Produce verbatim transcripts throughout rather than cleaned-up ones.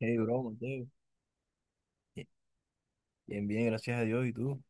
Hey, bro, Mateo. Bien, bien, gracias a Dios. ¿Y tú?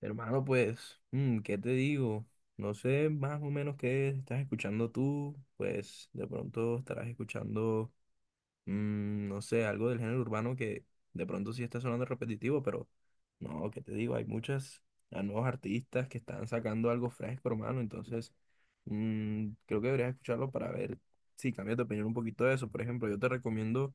Hermano, pues, mm, ¿qué te digo? No sé más o menos qué estás escuchando tú. Pues de pronto estarás escuchando, mm, no sé, algo del género urbano que de pronto sí está sonando repetitivo, pero no, ¿qué te digo? Hay muchas a nuevos artistas que están sacando algo fresco, hermano. Entonces, mm, creo que deberías escucharlo para ver si cambias de opinión un poquito de eso. Por ejemplo, yo te recomiendo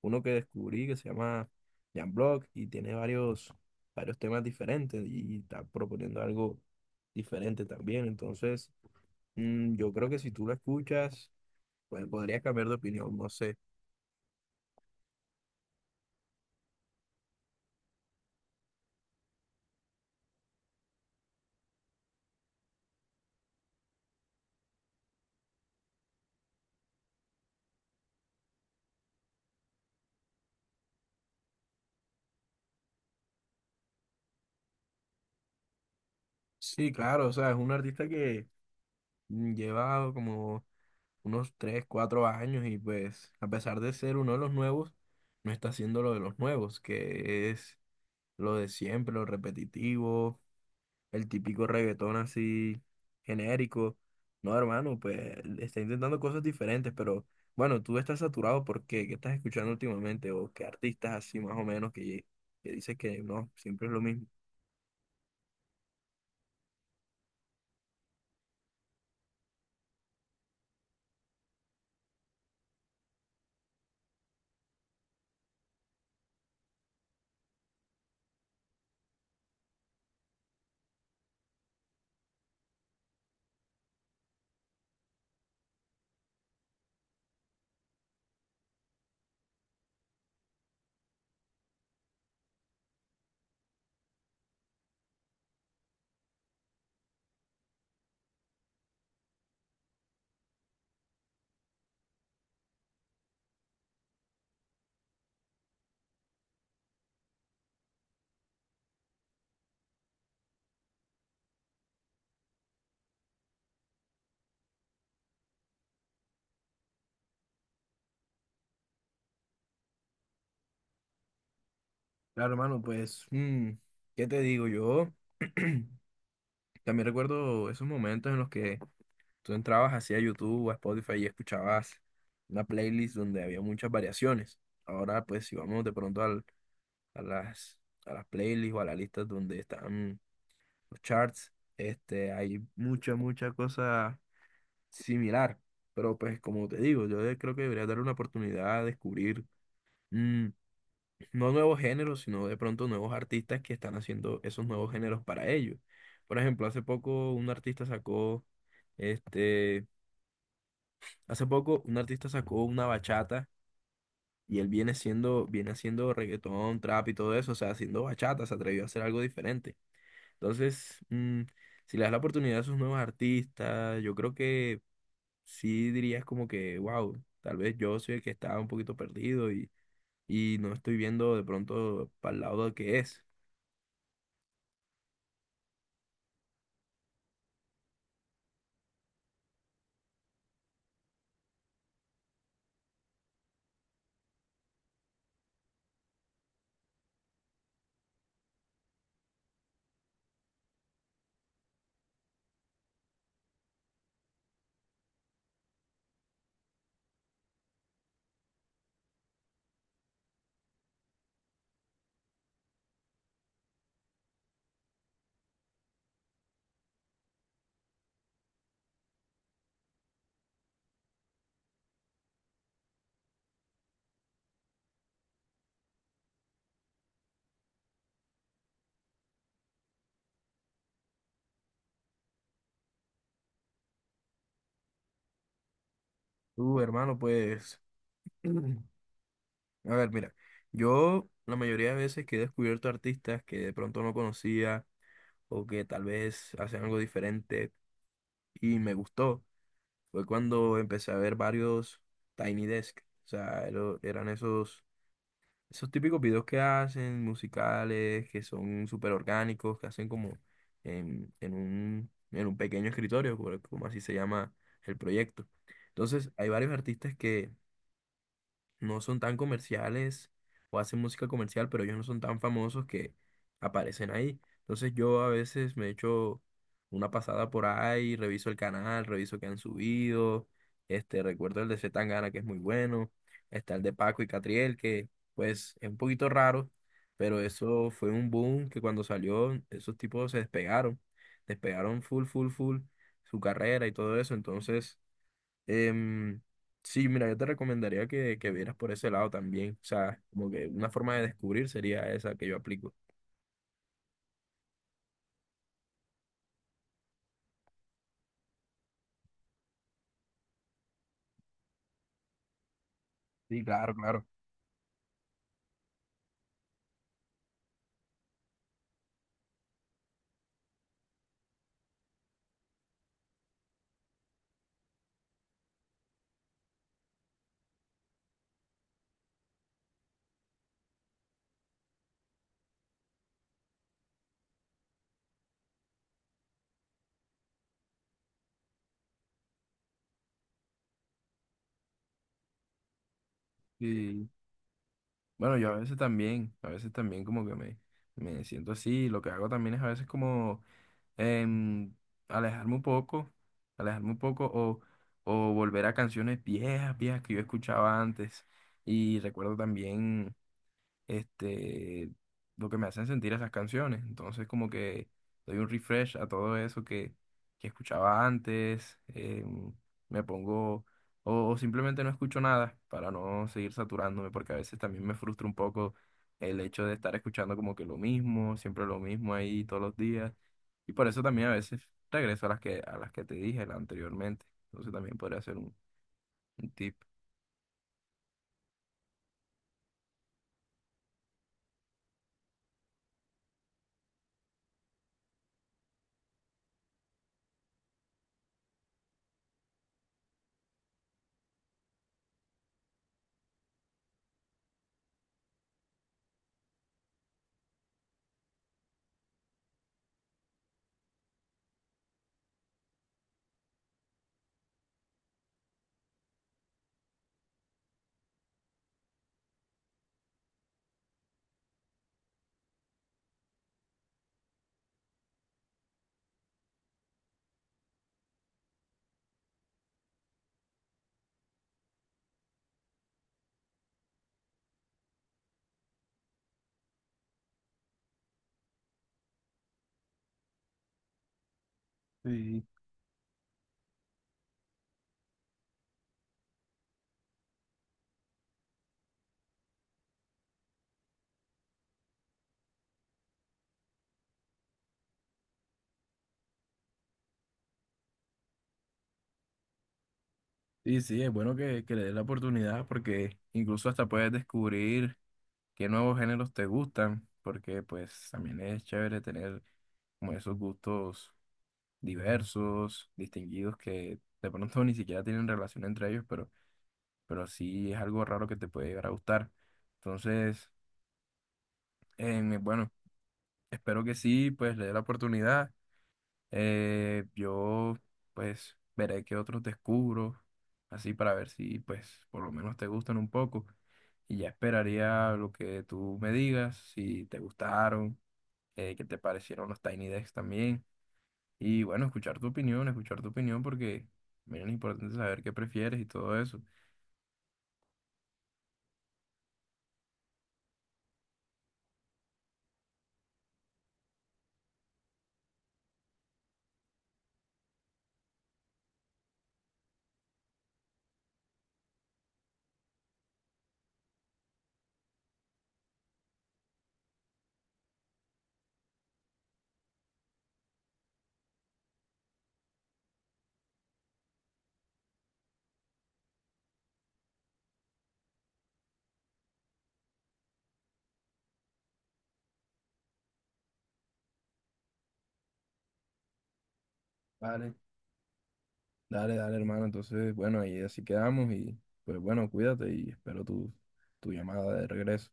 uno que descubrí que se llama Jan Block y tiene varios, varios temas diferentes y está proponiendo algo diferente también. Entonces, mm, yo creo que si tú lo escuchas, pues podrías cambiar de opinión, no sé. Sí, claro, o sea, es un artista que mm, lleva como unos tres cuatro años y pues a pesar de ser uno de los nuevos, no está haciendo lo de los nuevos, que es lo de siempre, lo repetitivo, el típico reggaetón así genérico. No, hermano, pues está intentando cosas diferentes, pero bueno, tú estás saturado porque qué estás escuchando últimamente o qué artistas así más o menos que, que dices que no, siempre es lo mismo. Claro, hermano, pues, mm, ¿qué te digo? Yo también recuerdo esos momentos en los que tú entrabas así a YouTube o a Spotify y escuchabas una playlist donde había muchas variaciones. Ahora, pues, si vamos de pronto al- a las, a las playlists o a las listas donde están los charts, este, hay mucha, mucha cosa similar. Pero pues como te digo, yo de- creo que debería dar una oportunidad a descubrir mm, no nuevos géneros, sino de pronto nuevos artistas que están haciendo esos nuevos géneros para ellos. Por ejemplo, hace poco un artista sacó, este, hace poco un artista sacó una bachata y él viene siendo, viene haciendo reggaetón, trap y todo eso, o sea, haciendo bachata, se atrevió a hacer algo diferente. Entonces, mm, si le das la oportunidad a esos nuevos artistas, yo creo que sí dirías como que, wow, tal vez yo soy el que está un poquito perdido y, y no estoy viendo de pronto para el lado que es. Tú, hermano, pues, a ver, mira, yo la mayoría de veces que he descubierto artistas que de pronto no conocía o que tal vez hacen algo diferente y me gustó, fue cuando empecé a ver varios Tiny Desk. O sea, ero- eran esos esos típicos videos que hacen, musicales, que son súper orgánicos, que hacen como en, en un, en un pequeño escritorio, como, como así se llama el proyecto. Entonces, hay varios artistas que no son tan comerciales o hacen música comercial, pero ellos no son tan famosos que aparecen ahí. Entonces yo a veces me echo una pasada por ahí, reviso el canal, reviso qué han subido, este, recuerdo el de C. Tangana que es muy bueno, está el de Paco y Catriel que pues es un poquito raro, pero eso fue un boom que cuando salió esos tipos se despegaron, despegaron, full, full, full su carrera y todo eso, entonces... Em, sí, mira, yo te recomendaría que, que vieras por ese lado también. O sea, como que una forma de descubrir sería esa que yo aplico. Sí, claro, claro. Sí, bueno, yo a veces también, a veces también como que me, me siento así. Lo que hago también es a veces como em, alejarme un poco, alejarme un poco o, o volver a canciones viejas, viejas que yo escuchaba antes. Y recuerdo también este, lo que me hacen sentir esas canciones. Entonces, como que doy un refresh a todo eso que, que escuchaba antes, em, me pongo, o, o simplemente no escucho nada para no seguir saturándome, porque a veces también me frustra un poco el hecho de estar escuchando como que lo mismo, siempre lo mismo ahí todos los días. Y por eso también a veces regreso a las que, a las que te dije anteriormente. Entonces también podría ser un, un tip. Sí. Sí, sí, es bueno que, que le des la oportunidad porque incluso hasta puedes descubrir qué nuevos géneros te gustan, porque pues también es chévere tener como esos gustos diversos, distinguidos, que de pronto ni siquiera tienen relación entre ellos, pero, pero sí es algo raro que te puede llegar a gustar. Entonces, em, bueno, espero que sí, pues le dé la oportunidad. Eh, yo, pues, veré qué otros descubro, así para ver si, pues, por lo menos te gustan un poco. Y ya esperaría lo que tú me digas, si te gustaron, eh, qué te parecieron los Tiny Decks también. Y bueno, escuchar tu opinión, escuchar tu opinión porque, mira, es importante saber qué prefieres y todo eso. Vale. Dale, dale, hermano. Entonces, bueno, ahí así quedamos y, pues, bueno, cuídate y espero tu, tu llamada de regreso.